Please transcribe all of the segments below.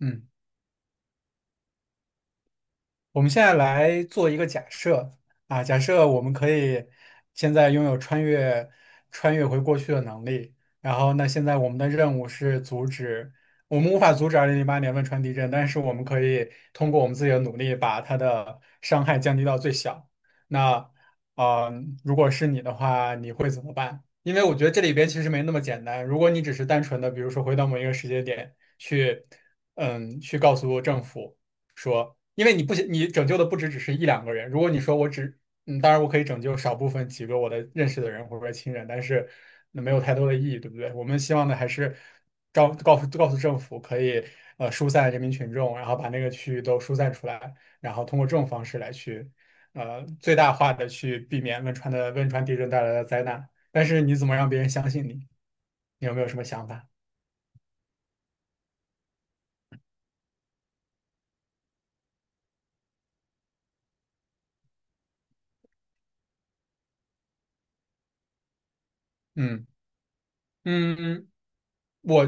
嗯，我们现在来做一个假设啊，假设我们可以现在拥有穿越回过去的能力，然后那现在我们的任务是阻止，我们无法阻止2008年汶川地震，但是我们可以通过我们自己的努力把它的伤害降低到最小。那，呃，如果是你的话，你会怎么办？因为我觉得这里边其实没那么简单。如果你只是单纯的，比如说回到某一个时间点去，去告诉政府。说，因为你拯救的不只是一两个人。如果你说我只，嗯，当然我可以拯救少部分几个我的认识的人或者说亲人，但是那没有太多的意义，对不对？我们希望的还是告诉政府可以疏散人民群众，然后把那个区域都疏散出来，然后通过这种方式来去最大化的去避免汶川地震带来的灾难。但是你怎么让别人相信你？你有没有什么想法？嗯嗯嗯。我，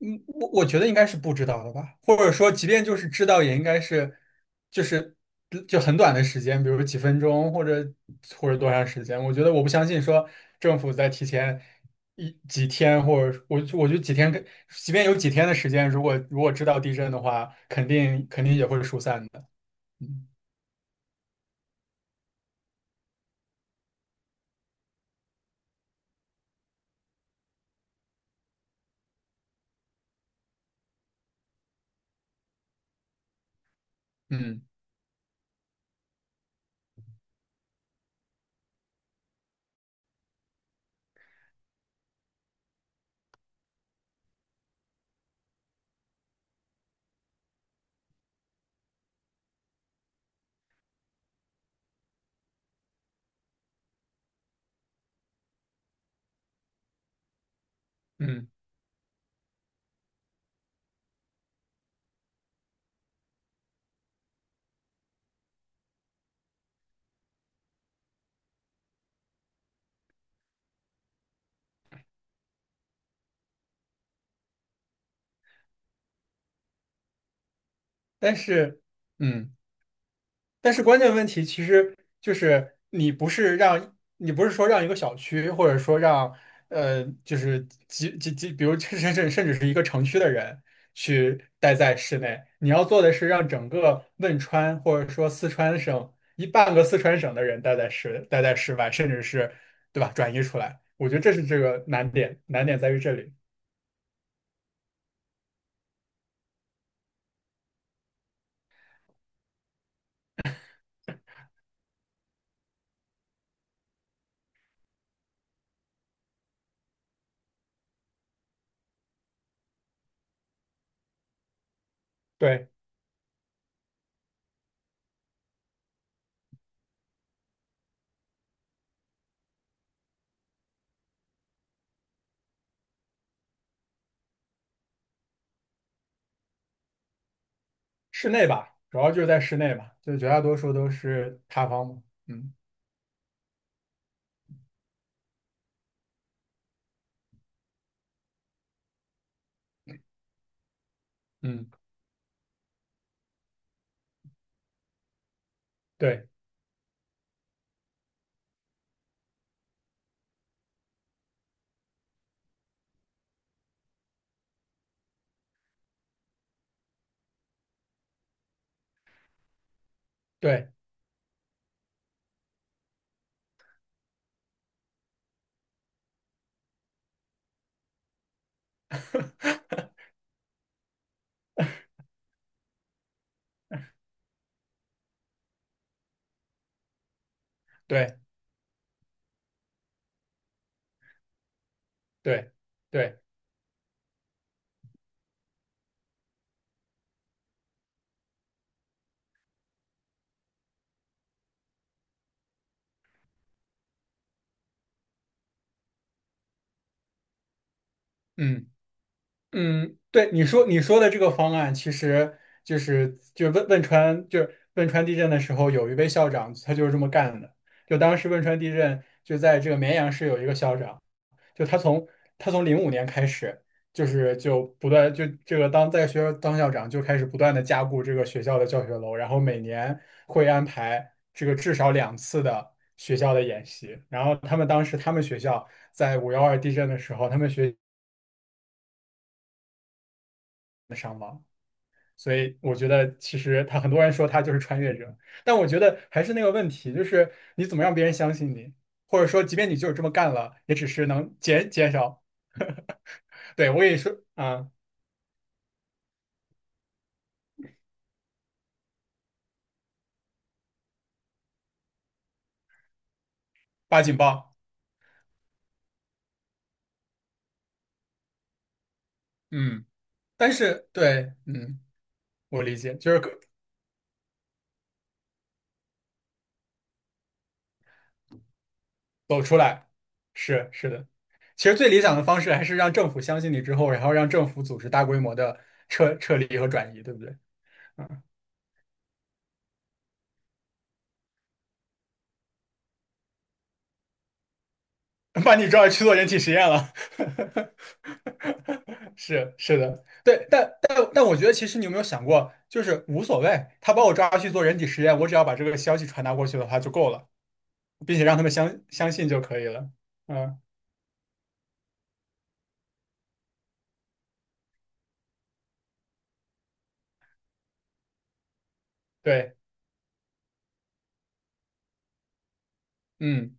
我觉得应该是不知道的吧，或者说，即便就是知道，也应该是，就是就很短的时间，比如几分钟，或者多长时间。我觉得我不相信说政府在提前几天，或者我我就几天跟，即便有几天的时间，如果知道地震的话，肯定也会疏散的。嗯嗯嗯，但是嗯。但是关键问题其实就是你不是说让一个小区，或者说让就是几几几，比如甚至是一个城区的人去待在室内，你要做的是让整个汶川或者说四川省一半个四川省的人待在室外，甚至是对吧转移出来。我觉得这是这个难点，难点在于这里。对，室内吧，主要就是在室内嘛，就绝大多数都是塌方嘛嗯嗯，对对。对对对，嗯嗯，对你说的这个方案，其实就是汶川地震的时候，有一位校长他就是这么干的。就当时汶川地震就在这个绵阳市有一个校长，就他从他从05年开始，就是不断就这个当在学校当校长就开始不断的加固这个学校的教学楼，然后每年会安排这个至少2次的学校的演习。然后他们当时他们学校在5·12地震的时候，他们学，所以我觉得其实很多人说他就是穿越者，但我觉得还是那个问题，就是你怎么让别人相信你，或者说即便你就是这么干了，也只是能减少。对，我跟你说啊，发警报。嗯，但是对，我理解，就是可走出来，是的。其实最理想的方式还是让政府相信你之后，然后让政府组织大规模的撤离和转移，对不对？嗯，把你抓去做人体实验了。是的，对，但我觉得，其实你有没有想过，就是无所谓，他把我抓去做人体实验，我只要把这个消息传达过去的话就够了，并且让他们相信就可以了。嗯，对，嗯。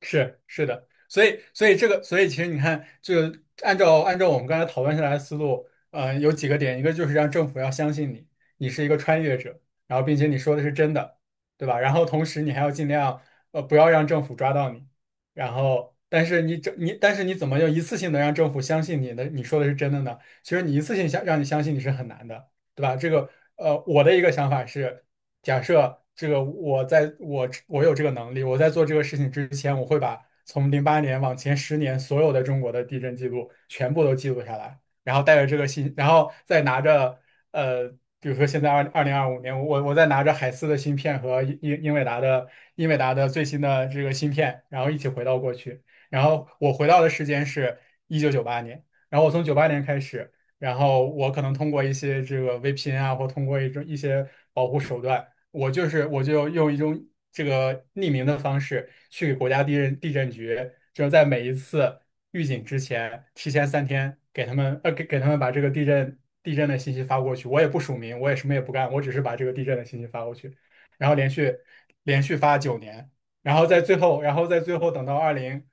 是的，所以这个，所以其实你看，就按照我们刚才讨论下来的思路，呃，有几个点，一个就是让政府要相信你，你是一个穿越者，然后并且你说的是真的，对吧？然后同时你还要尽量不要让政府抓到你，然后但是你怎么又一次性的让政府相信你的你说的是真的呢？其实你一次性让你相信你是很难的，对吧？这个我的一个想法是。假设这个我在我我有这个能力，我在做这个事情之前，我会把从08年往前10年所有的中国的地震记录全部都记录下来，然后带着这个信，然后再拿着呃，比如说现在二零二五年，我再拿着海思的芯片和英伟达的最新的这个芯片，然后一起回到过去，然后我回到的时间是1998年，然后我从九八年开始。然后我可能通过一些这个 VPN 啊，或通过一些保护手段，我就用一种这个匿名的方式去给国家地震局，就是在每一次预警之前，提前三天给他们把这个地震的信息发过去。我也不署名，我也什么也不干，我只是把这个地震的信息发过去，然后连续发9年，然后在最后等到二零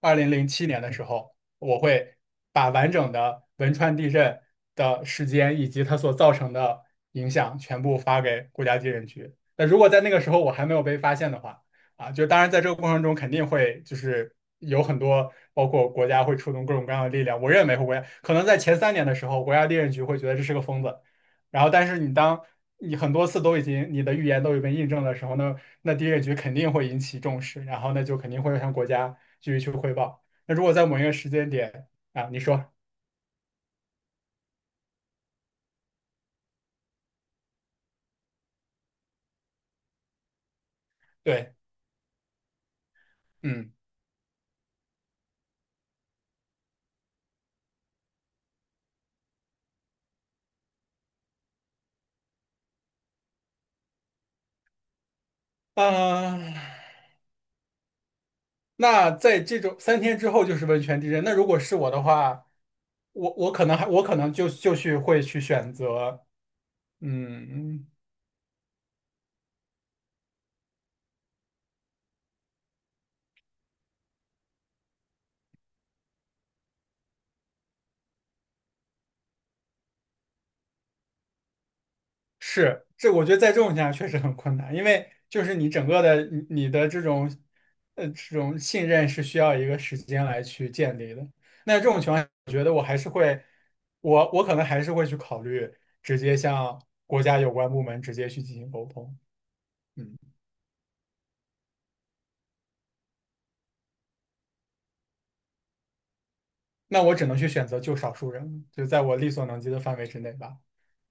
二零零七年的时候。我会把完整的汶川地震的时间以及它所造成的影响全部发给国家地震局。那如果在那个时候我还没有被发现的话，啊，就当然在这个过程中肯定会就是有很多，包括国家会出动各种各样的力量。我认为国家可能在前3年的时候，国家地震局会觉得这是个疯子，然后但是你很多次都已经你的预言都已被印证的时候那地震局肯定会引起重视，然后那就肯定会向国家继续去汇报。那如果在某一个时间点啊，你说对，嗯，啊、那在这种三天之后就是温泉地震。那如果是我的话，我我可能还我可能就就去会去选择，嗯。是，这我觉得在这种情况下确实很困难，因为就是你整个的你你的这种信任是需要一个时间来去建立的。那这种情况下，我觉得我可能还是会去考虑直接向国家有关部门直接去进行沟通。嗯，那我只能去选择救少数人，就在我力所能及的范围之内吧。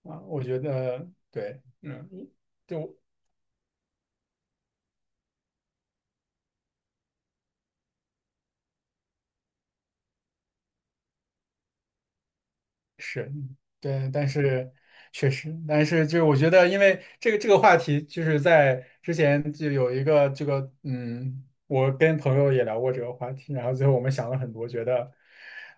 啊，我觉得对，就。是，对，但是确实，但是就是我觉得，因为这个话题，就是在之前就有一个这个，我跟朋友也聊过这个话题，然后最后我们想了很多，觉得，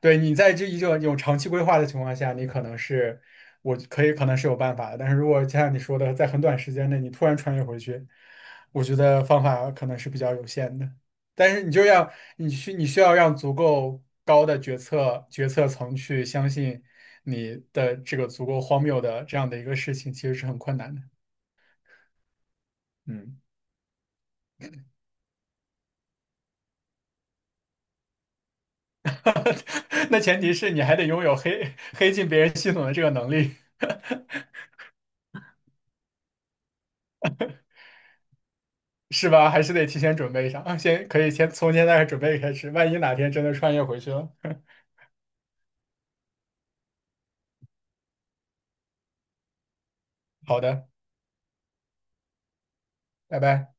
对你在这一种有长期规划的情况下，你可能是我可以可能是有办法的，但是如果就像你说的，在很短时间内你突然穿越回去，我觉得方法可能是比较有限的。但是你就要你需你需要让足够高的决策层去相信，你的这个足够荒谬的这样的一个事情，其实是很困难的。嗯，那前提是你还得拥有黑进别人系统的这个能力，是吧？还是得提前准备上，啊先可以先从现在准备开始，万一哪天真的穿越回去了。好的，拜拜。